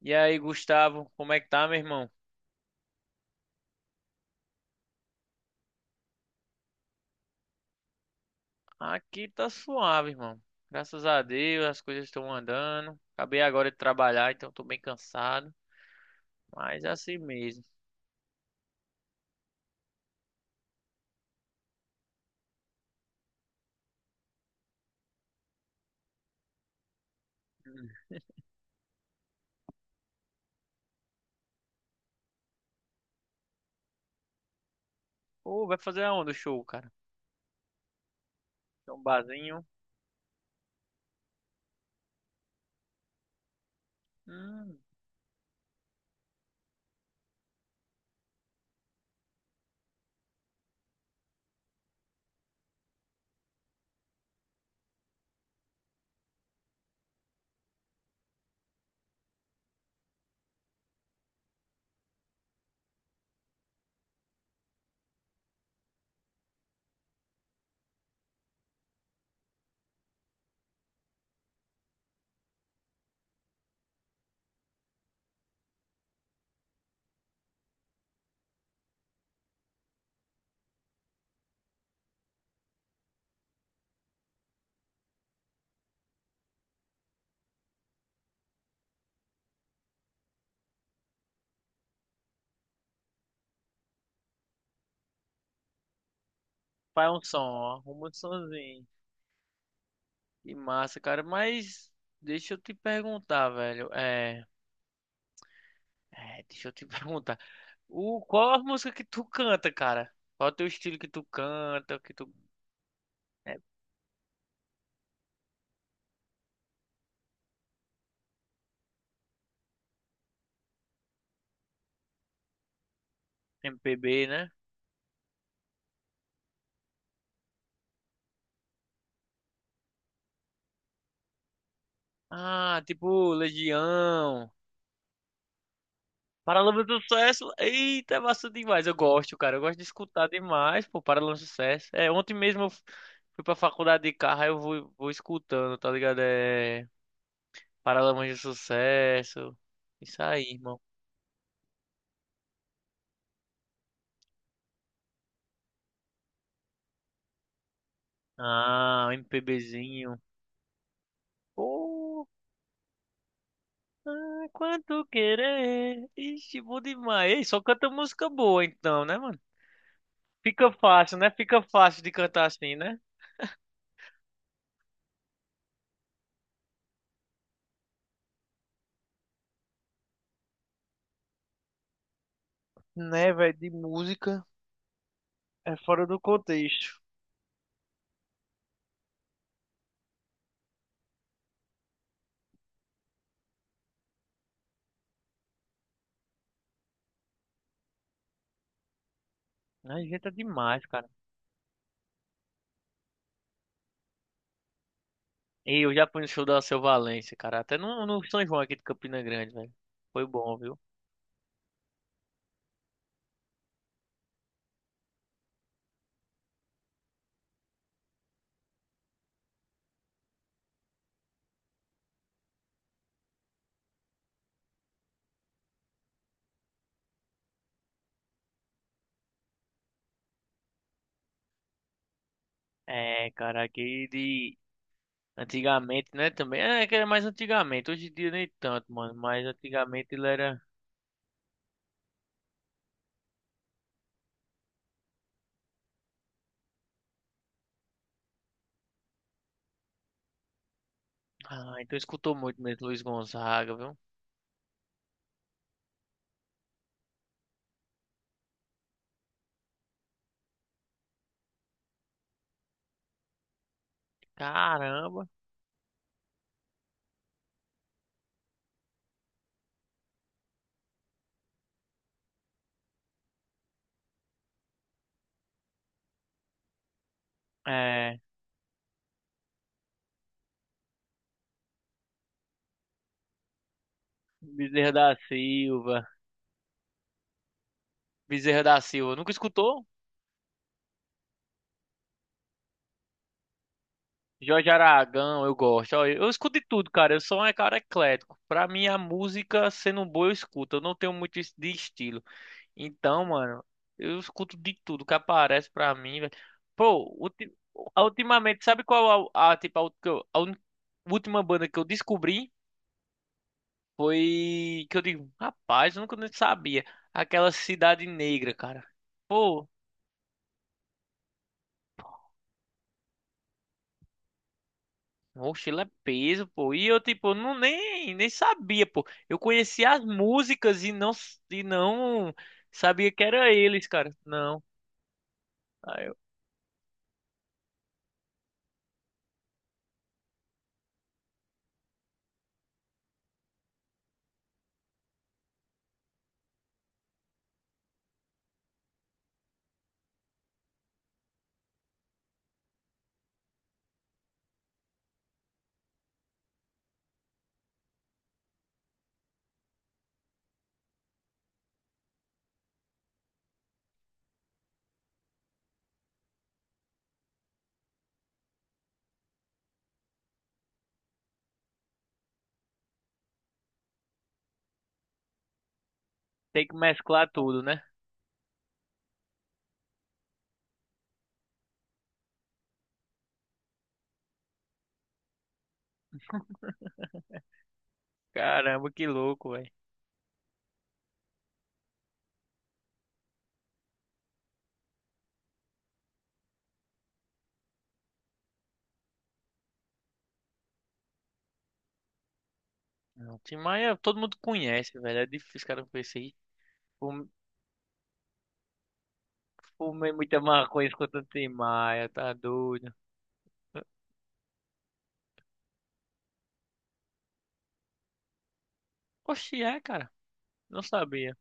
E aí, Gustavo, como é que tá, meu irmão? Aqui tá suave, irmão. Graças a Deus, as coisas estão andando. Acabei agora de trabalhar, então tô bem cansado. Mas é assim mesmo. Hum. Pô, vai fazer aonde o show, cara? Tem um barzinho. Hum, Faz um som, ó. Arruma um sonzinho. Que massa, cara. Mas deixa eu te perguntar, velho. Deixa eu te perguntar. O, qual a música que tu canta, cara? Qual é o teu estilo que tu canta? Que tu... É MPB, né? Ah, tipo Legião. Paralamas do Sucesso. Eita, é massa demais. Eu gosto, cara. Eu gosto de escutar demais, pô, Paralamas do Sucesso. É, ontem mesmo eu fui pra faculdade de carro, aí eu vou, escutando, tá ligado? É Paralamas do Sucesso. Isso aí, irmão. Ah, um MPBzinho. Pô, é quanto querer. Ixi, bom demais. Ei, só canta música boa então, né, mano? Fica fácil, né? Fica fácil de cantar assim, né? Né, velho, de música. É fora do contexto. Né? A gente é demais, cara. E eu já fui no show da Alceu Valença, cara. Até no São João aqui de Campina Grande, velho. Foi bom, viu? É, cara, aqui de... Antigamente, né, também. É, que era mais antigamente. Hoje em dia nem tanto, mano. Mas antigamente ele era... Ah, então escutou muito mesmo Luiz Gonzaga, viu? Caramba. É, Bezerra da Silva. Bezerra da Silva. Nunca escutou? Jorge Aragão, eu gosto. Ó, eu escuto de tudo, cara. Eu sou um cara eclético. Pra mim, a música, sendo boa, eu escuto. Eu não tenho muito de estilo. Então, mano, eu escuto de tudo que aparece pra mim, velho. Pô, ultimamente, sabe qual tipo, a última banda que eu descobri? Foi que eu digo, rapaz, eu nunca nem sabia. Aquela Cidade Negra, cara. Pô, Mochila é peso, pô. E eu, tipo, não nem sabia, pô. Eu conhecia as músicas e não, sabia que era eles, cara. Não. Aí eu tenho que mesclar tudo, né? Caramba, que louco, velho. Não, Tim Maia, todo mundo conhece, velho. É difícil, os caras conhecer. Fum- Fumei muita maconha escutando Tim Maia, tá doido. Oxi, é, cara. Não sabia.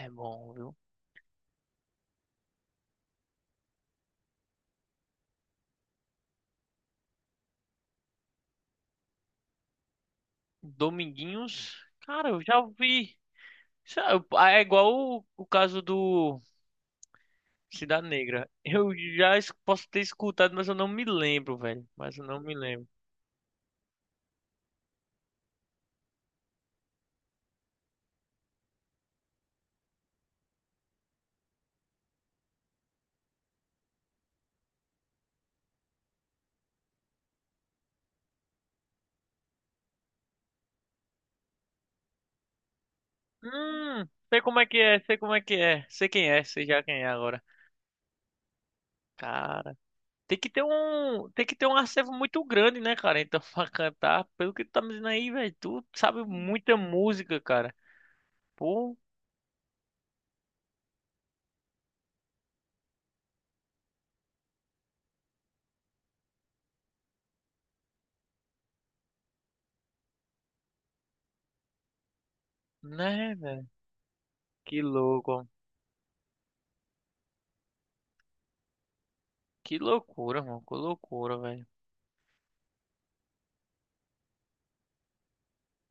É bom, viu? Dominguinhos, cara, eu já ouvi. Isso é igual o caso do. Cidade Negra. Eu já posso ter escutado, mas eu não me lembro, velho. Mas eu não me lembro. Sei como é que é, sei como é que é. Sei quem é, sei já quem é agora. Cara, tem que ter um acervo muito grande, né, cara? Então, pra cantar, pelo que tu tá me dizendo aí, velho, tu sabe muita música, cara. Pô, né, velho? Que louco, que loucura, mano, que loucura, velho.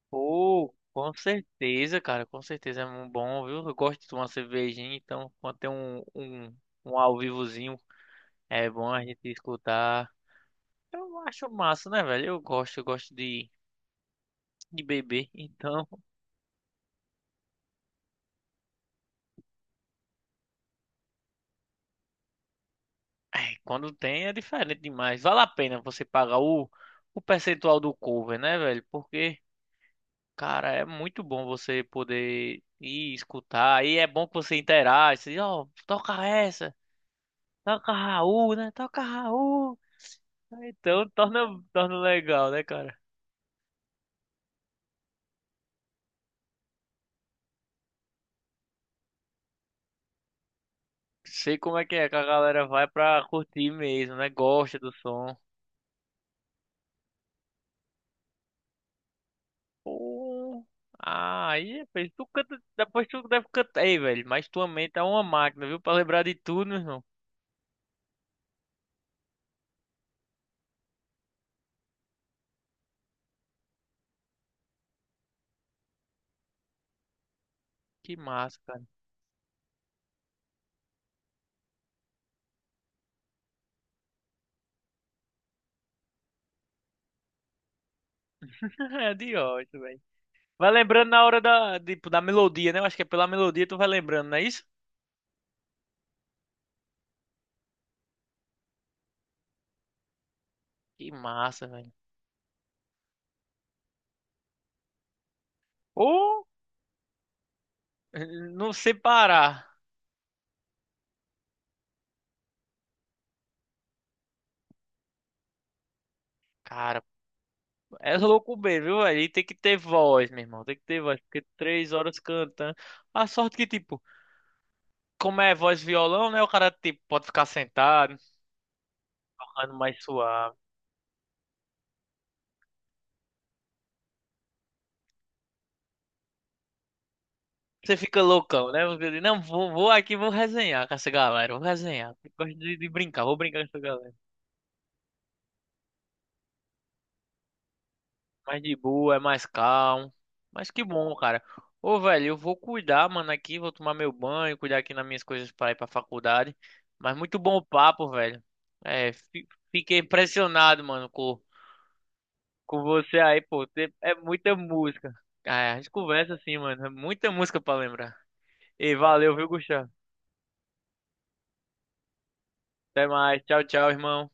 Pô, com certeza, cara, com certeza é muito bom, viu? Eu gosto de tomar cervejinha, então quando tem um, um, um ao vivozinho, é bom a gente escutar. Eu acho massa, né, velho? Eu gosto de beber, então é, quando tem é diferente demais. Vale a pena você pagar o percentual do cover, né, velho? Porque, cara, é muito bom você poder ir escutar, e é bom que você interage, você diz, ó, toca essa, toca Raul, né? Toca Raul. Então torna legal, né, cara? Sei como é, que a galera vai pra curtir mesmo, né? Gosta do som. Pô, ah, aí, fez, tu canta, depois tu deve cantar, aí velho, mas tua mente é uma máquina, viu? Pra lembrar de tudo, meu irmão. Que massa, cara. É de ótimo, velho. Vai lembrando na hora da, tipo, da melodia, né? Eu acho que é pela melodia tu vai lembrando, não é isso? Que massa, velho. Ou não sei parar. É louco mesmo, viu, velho? E tem que ter voz, meu irmão. Tem que ter voz, porque 3 horas cantando. A sorte que, tipo, como é voz violão, né? O cara, tipo, pode ficar sentado, tocando mais suave. Você fica loucão, né? Você diz, não, vou, vou aqui, vou resenhar com essa galera, vou resenhar. Eu gosto de brincar, vou brincar com essa galera. Mais de boa, é mais calmo. Mas que bom, cara. Ô, velho, eu vou cuidar, mano, aqui, vou tomar meu banho, cuidar aqui nas minhas coisas para ir pra faculdade. Mas muito bom o papo, velho. É, fiquei impressionado, mano, com você aí, pô. É muita música. Ah, é, a gente conversa assim, mano. É muita música pra lembrar. E valeu, viu, Gustavo? Até mais. Tchau, tchau, irmão.